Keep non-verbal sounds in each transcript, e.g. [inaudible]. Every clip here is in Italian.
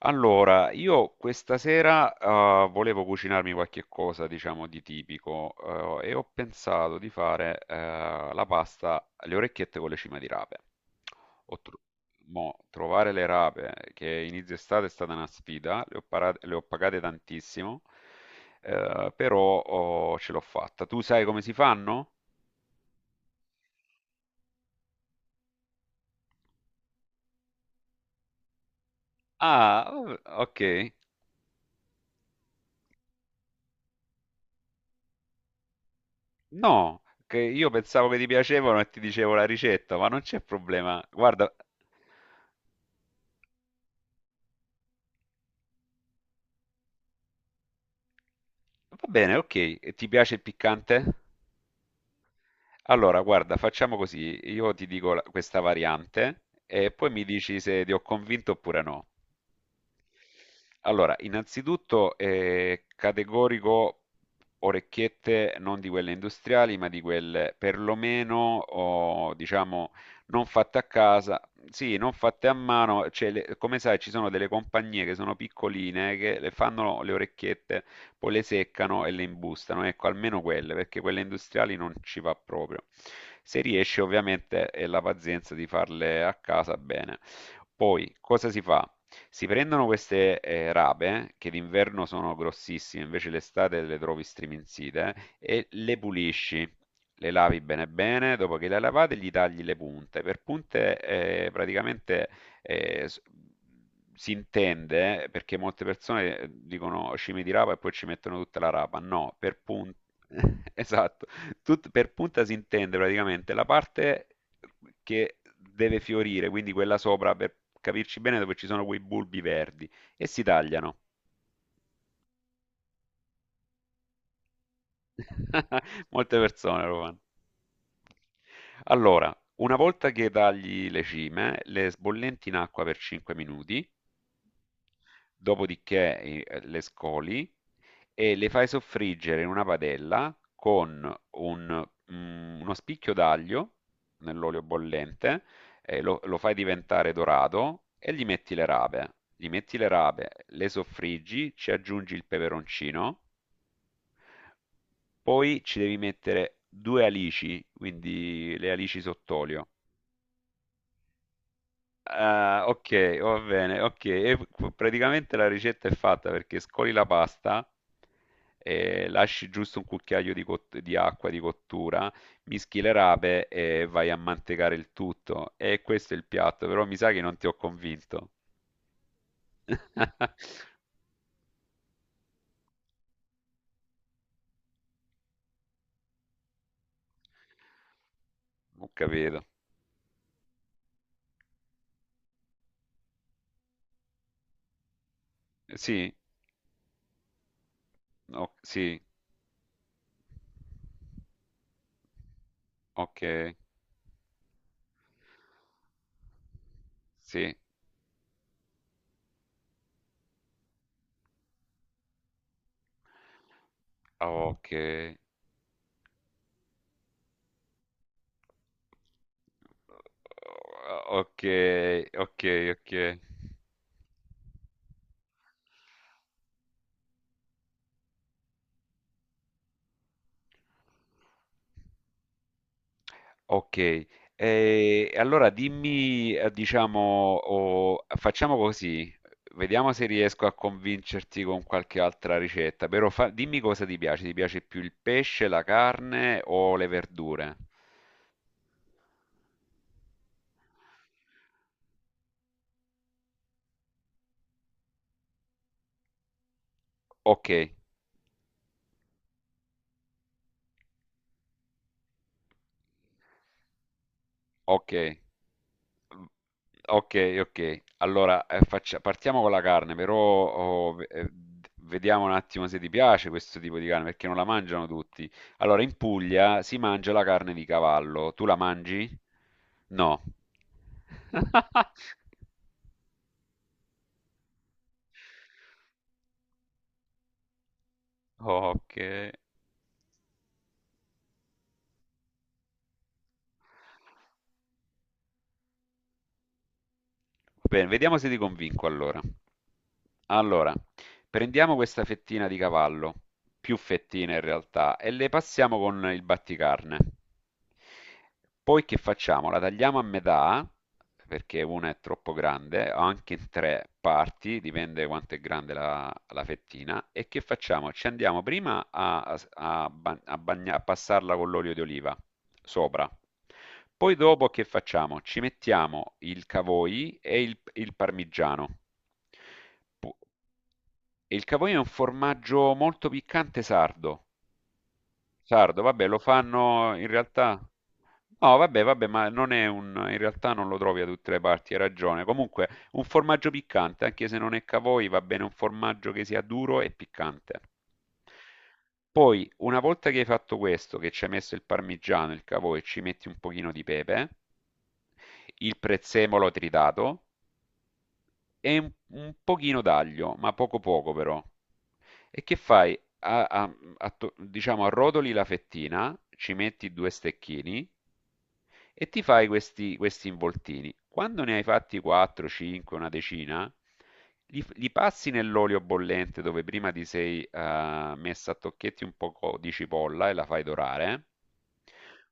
Allora, io questa sera, volevo cucinarmi qualche cosa, diciamo, di tipico, e ho pensato di fare, la pasta alle orecchiette con le cime di rape. Ho tro mo' trovare le rape che inizio estate è stata una sfida, le ho parate le ho pagate tantissimo, però ho ce l'ho fatta. Tu sai come si fanno? Ah, okay. No, che io pensavo che ti piacevano e ti dicevo la ricetta, ma non c'è problema. Guarda. Va bene, ok. E ti piace il piccante? Allora, guarda, facciamo così. Io ti dico questa variante e poi mi dici se ti ho convinto oppure no. Allora, innanzitutto categorico, orecchiette non di quelle industriali, ma di quelle perlomeno, o, diciamo, non fatte a casa, sì, non fatte a mano. Cioè, come sai, ci sono delle compagnie che sono piccoline che le fanno le orecchiette, poi le seccano e le imbustano. Ecco, almeno quelle, perché quelle industriali non ci va proprio. Se riesci, ovviamente, è la pazienza di farle a casa bene. Poi, cosa si fa? Si prendono queste, rape, che d'inverno sono grossissime, invece l'estate le trovi striminzite, e le pulisci. Le lavi bene bene, dopo che le hai lavate gli tagli le punte. Per punte, praticamente, s si intende, perché molte persone, dicono: "Cime di rapa" e poi ci mettono tutta la rapa. No, per pun [laughs] esatto, tut per punta si intende praticamente la parte che deve fiorire, quindi quella sopra, per capirci bene, dove ci sono quei bulbi verdi, e si tagliano. [laughs] Molte persone lo fanno. Allora, una volta che tagli le cime, le sbollenti in acqua per 5 minuti, dopodiché le scoli e le fai soffriggere in una padella con uno spicchio d'aglio nell'olio bollente, lo fai diventare dorato e gli metti le rape. Gli metti le rape, le soffriggi, ci aggiungi il peperoncino, poi ci devi mettere due alici, quindi le alici sott'olio. Ah, ok, va bene, ok. E praticamente la ricetta è fatta perché scoli la pasta, lasci giusto un cucchiaio di, di acqua di cottura, mischi le rape e vai a mantecare il tutto. E questo è il piatto, però mi sa che non ti ho convinto. [laughs] Ho capito. Sì, sì, ok, sì, ok. Ok, ok, ok. Ok, e allora dimmi, diciamo, facciamo così, vediamo se riesco a convincerti con qualche altra ricetta, però dimmi cosa ti piace più il pesce, la carne o le verdure? Ok, ok. Ok, ok. Allora, partiamo con la carne, però oh, vediamo un attimo se ti piace questo tipo di carne, perché non la mangiano tutti. Allora, in Puglia si mangia la carne di cavallo. Tu la mangi? No. [laughs] Ok. Bene, vediamo se ti convinco allora. Allora. Prendiamo questa fettina di cavallo, più fettine in realtà, e le passiamo con il batticarne. Poi che facciamo? La tagliamo a metà, perché una è troppo grande, o anche in tre parti, dipende quanto è grande la fettina. E che facciamo? Ci andiamo prima a, a- a ba- a bagna- a passarla con l'olio di oliva sopra. Poi dopo che facciamo? Ci mettiamo il cavoi e il parmigiano. Pu- E il capolinno è un formaggio molto piccante sardo. Sardo, vabbè, lo fanno in realtà. No, vabbè, ma non è un. In realtà non lo trovi da tutte le parti, hai ragione. Comunque, un formaggio piccante, anche se non è cavoi, va bene un formaggio che sia duro e piccante. Poi, una volta che hai fatto questo, che ci hai messo il parmigiano, il cavoi, ci metti un pochino di pepe, il prezzemolo tritato e un pochino d'aglio, ma poco poco però. E che fai? Diciamo, arrotoli la fettina, ci metti due stecchini e ti fai questi involtini. Quando ne hai fatti 4, 5, una decina, li passi nell'olio bollente dove prima ti sei messa a tocchetti un po' di cipolla e la fai dorare.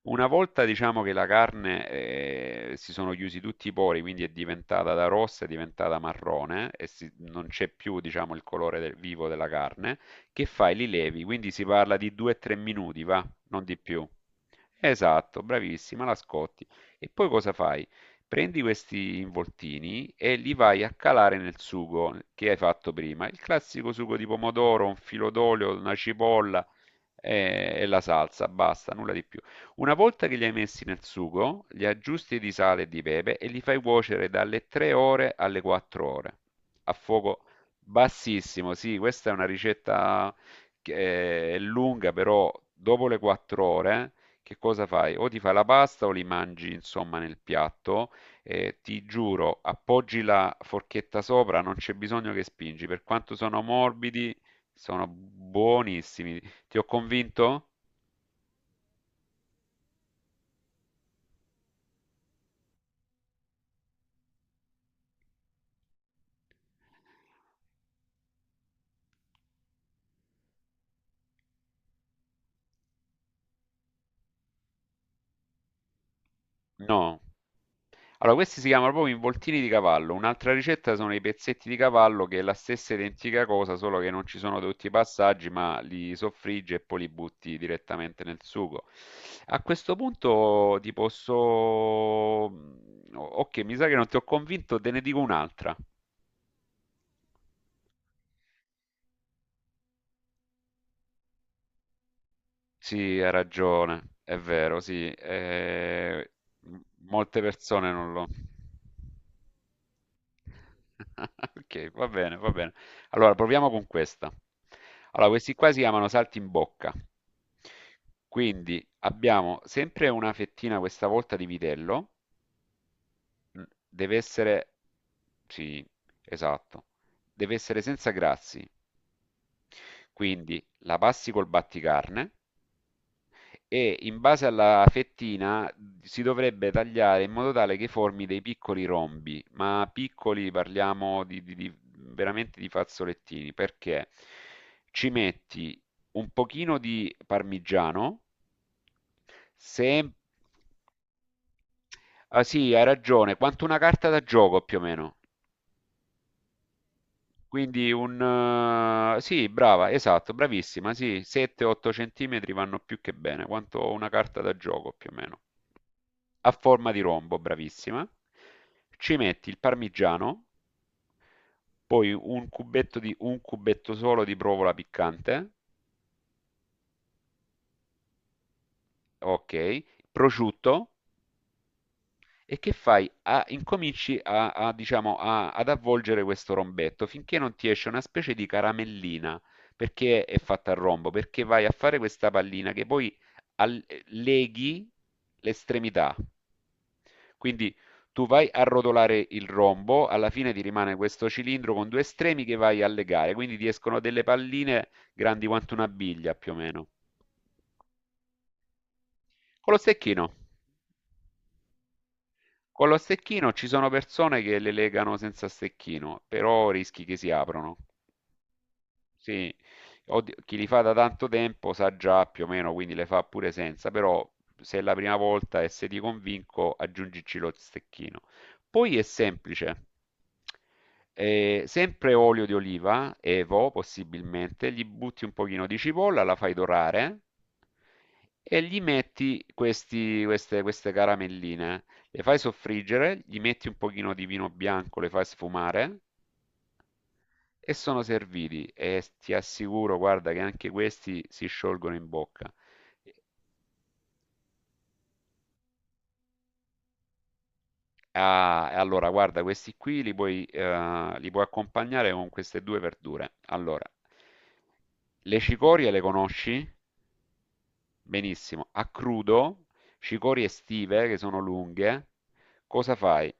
Una volta diciamo che la carne si sono chiusi tutti i pori, quindi è diventata da rossa, è diventata marrone e non c'è più diciamo il colore vivo della carne. Che fai? Li levi, quindi si parla di 2-3 minuti, va, non di più. Esatto, bravissima, la scotti. E poi cosa fai? Prendi questi involtini e li vai a calare nel sugo che hai fatto prima, il classico sugo di pomodoro, un filo d'olio, una cipolla la salsa, basta, nulla di più. Una volta che li hai messi nel sugo, li aggiusti di sale e di pepe e li fai cuocere dalle 3 ore alle 4 ore a fuoco bassissimo, sì, questa è una ricetta che è lunga, però dopo le 4 ore, che cosa fai? O ti fai la pasta o li mangi, insomma, nel piatto. Eh, ti giuro, appoggi la forchetta sopra, non c'è bisogno che spingi. Per quanto sono morbidi, sono buonissimi. Ti ho convinto? No. Allora, questi si chiamano proprio involtini di cavallo. Un'altra ricetta sono i pezzetti di cavallo, che è la stessa identica cosa, solo che non ci sono tutti i passaggi, ma li soffriggi e poi li butti direttamente nel sugo. A questo punto ti posso... Ok, mi sa che non ti ho convinto, te ne dico un'altra. Sì, hai ragione, è vero, sì. M- molte persone non lo... [laughs] Ok, va bene, va bene. Allora, proviamo con questa. Allora, questi qua si chiamano salti in bocca. Quindi abbiamo sempre una fettina, questa volta di vitello. Mm, Deve essere, sì, esatto, deve essere senza grassi. Quindi la passi col batticarne e in base alla fettina si dovrebbe tagliare in modo tale che formi dei piccoli rombi, ma piccoli parliamo veramente di fazzolettini, perché ci metti un pochino di parmigiano, se... Ah sì, hai ragione, quanto una carta da gioco più o meno. Quindi un... sì, brava, esatto, bravissima, sì, 7-8 centimetri vanno più che bene, quanto una carta da gioco più o meno. A forma di rombo, bravissima. Ci metti il parmigiano, poi un cubetto di, un cubetto solo di provola piccante, ok, prosciutto. E che fai? Incominci diciamo, ad avvolgere questo rombetto finché non ti esce una specie di caramellina, perché è fatta a rombo, perché vai a fare questa pallina che poi leghi l'estremità. Quindi tu vai a rotolare il rombo, alla fine ti rimane questo cilindro con due estremi che vai a legare, quindi ti escono delle palline grandi quanto una biglia più o meno. Con lo stecchino. Con lo stecchino ci sono persone che le legano senza stecchino, però rischi che si aprano. Sì, oddio, chi li fa da tanto tempo sa già più o meno, quindi le fa pure senza, però se è la prima volta e se ti convinco, aggiungici lo stecchino. Poi è semplice. Sempre olio di oliva, evo possibilmente, gli butti un pochino di cipolla, la fai dorare e gli metti queste caramelline. Le fai soffriggere, gli metti un pochino di vino bianco, le fai sfumare e sono serviti e s ti assicuro, guarda, che anche questi si sciolgono in bocca. Ah, e allora guarda, questi qui li puoi accompagnare con queste due verdure. Allora, le cicorie le conosci? Benissimo. A crudo, cicorie estive che sono lunghe, cosa fai?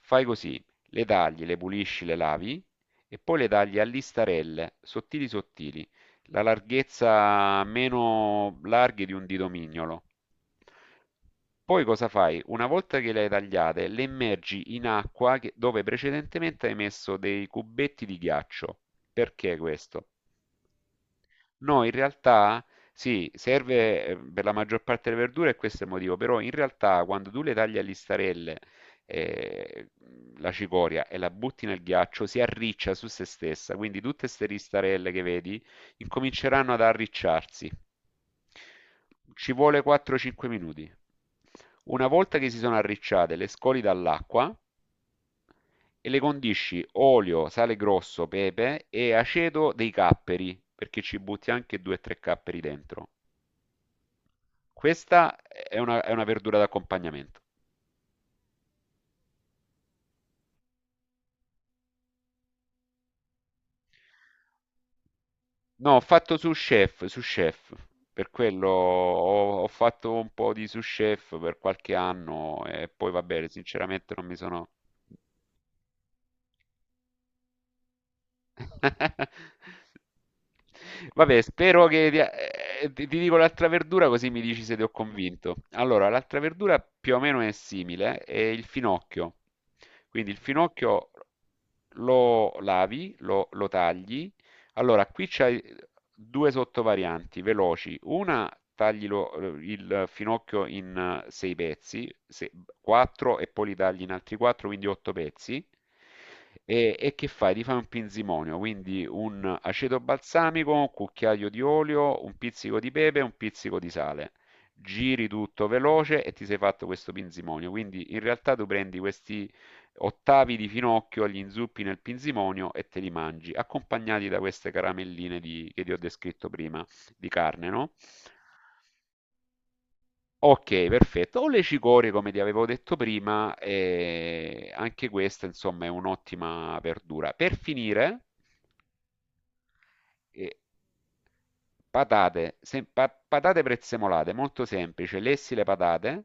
Fai così, le tagli, le pulisci, le lavi e poi le tagli a listarelle, sottili sottili, la larghezza meno larghe di un dito mignolo. Poi cosa fai? Una volta che le hai tagliate, le immergi in acqua dove precedentemente hai messo dei cubetti di ghiaccio. Perché questo? No, in realtà sì, serve per la maggior parte delle verdure e questo è il motivo, però in realtà quando tu le tagli a listarelle eh, la cicoria e la butti nel ghiaccio si arriccia su se stessa, quindi tutte queste listarelle che vedi incominceranno ad arricciarsi. Ci vuole 4-5 minuti. Una volta che si sono arricciate, le scoli dall'acqua e le condisci olio, sale grosso, pepe e aceto dei capperi, perché ci butti anche 2-3 capperi dentro. Questa è una verdura d'accompagnamento. No, ho fatto su chef, per quello ho, ho fatto un po' di su chef per qualche anno e poi va bene, sinceramente non mi sono, [laughs] vabbè, spero che ti, ti dico l'altra verdura così mi dici se ti ho convinto. Allora, l'altra verdura più o meno è simile, è il finocchio. Quindi il finocchio lo lavi, lo tagli. Allora, qui c'hai due sottovarianti veloci. Una, taglilo il finocchio in 6 pezzi, 4 e poi li tagli in altri 4, quindi 8 pezzi. E che fai? Ti fai un pinzimonio, quindi un aceto balsamico, un cucchiaio di olio, un pizzico di pepe e un pizzico di sale. Giri tutto veloce e ti sei fatto questo pinzimonio. Quindi in realtà tu prendi questi ottavi di finocchio, gli inzuppi nel pinzimonio e te li mangi, accompagnati da queste caramelline che ti ho descritto prima, di carne, no? Ok, perfetto. O le cicorie, come ti avevo detto prima, e anche questa, insomma, è un'ottima verdura. Per finire, eh, patate, patate prezzemolate, molto semplice. Lessi le patate,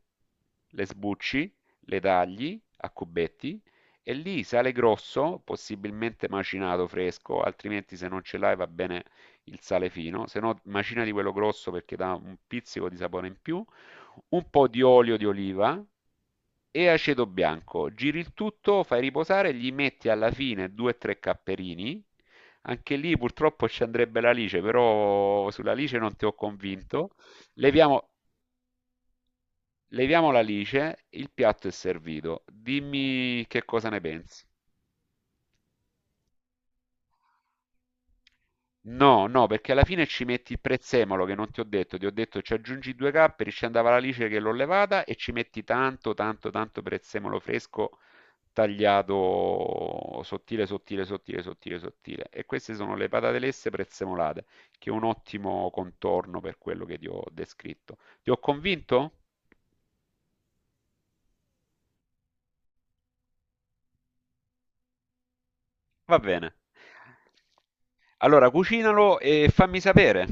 le sbucci, le tagli a cubetti e lì sale grosso, possibilmente macinato fresco, altrimenti se non ce l'hai va bene il sale fino, se no macina di quello grosso perché dà un pizzico di sapore in più, un po' di olio di oliva e aceto bianco. Giri il tutto, fai riposare, gli metti alla fine 2-3 capperini. Anche lì purtroppo ci andrebbe l'alice, però sull'alice non ti ho convinto. Leviamo, leviamo l'alice, il piatto è servito. Dimmi che cosa ne pensi. No, no, perché alla fine ci metti il prezzemolo che non ti ho detto, ti ho detto ci aggiungi 2 capperi, ci andava la lice che l'ho levata e ci metti tanto, tanto, tanto prezzemolo fresco tagliato sottile, sottile, sottile, sottile, sottile. E queste sono le patate lesse prezzemolate, che è un ottimo contorno per quello che ti ho descritto. Ti ho convinto? Va bene. Allora, cucinalo e fammi sapere.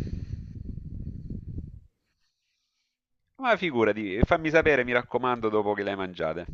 Ma figurati, fammi sapere, mi raccomando, dopo che le hai mangiate.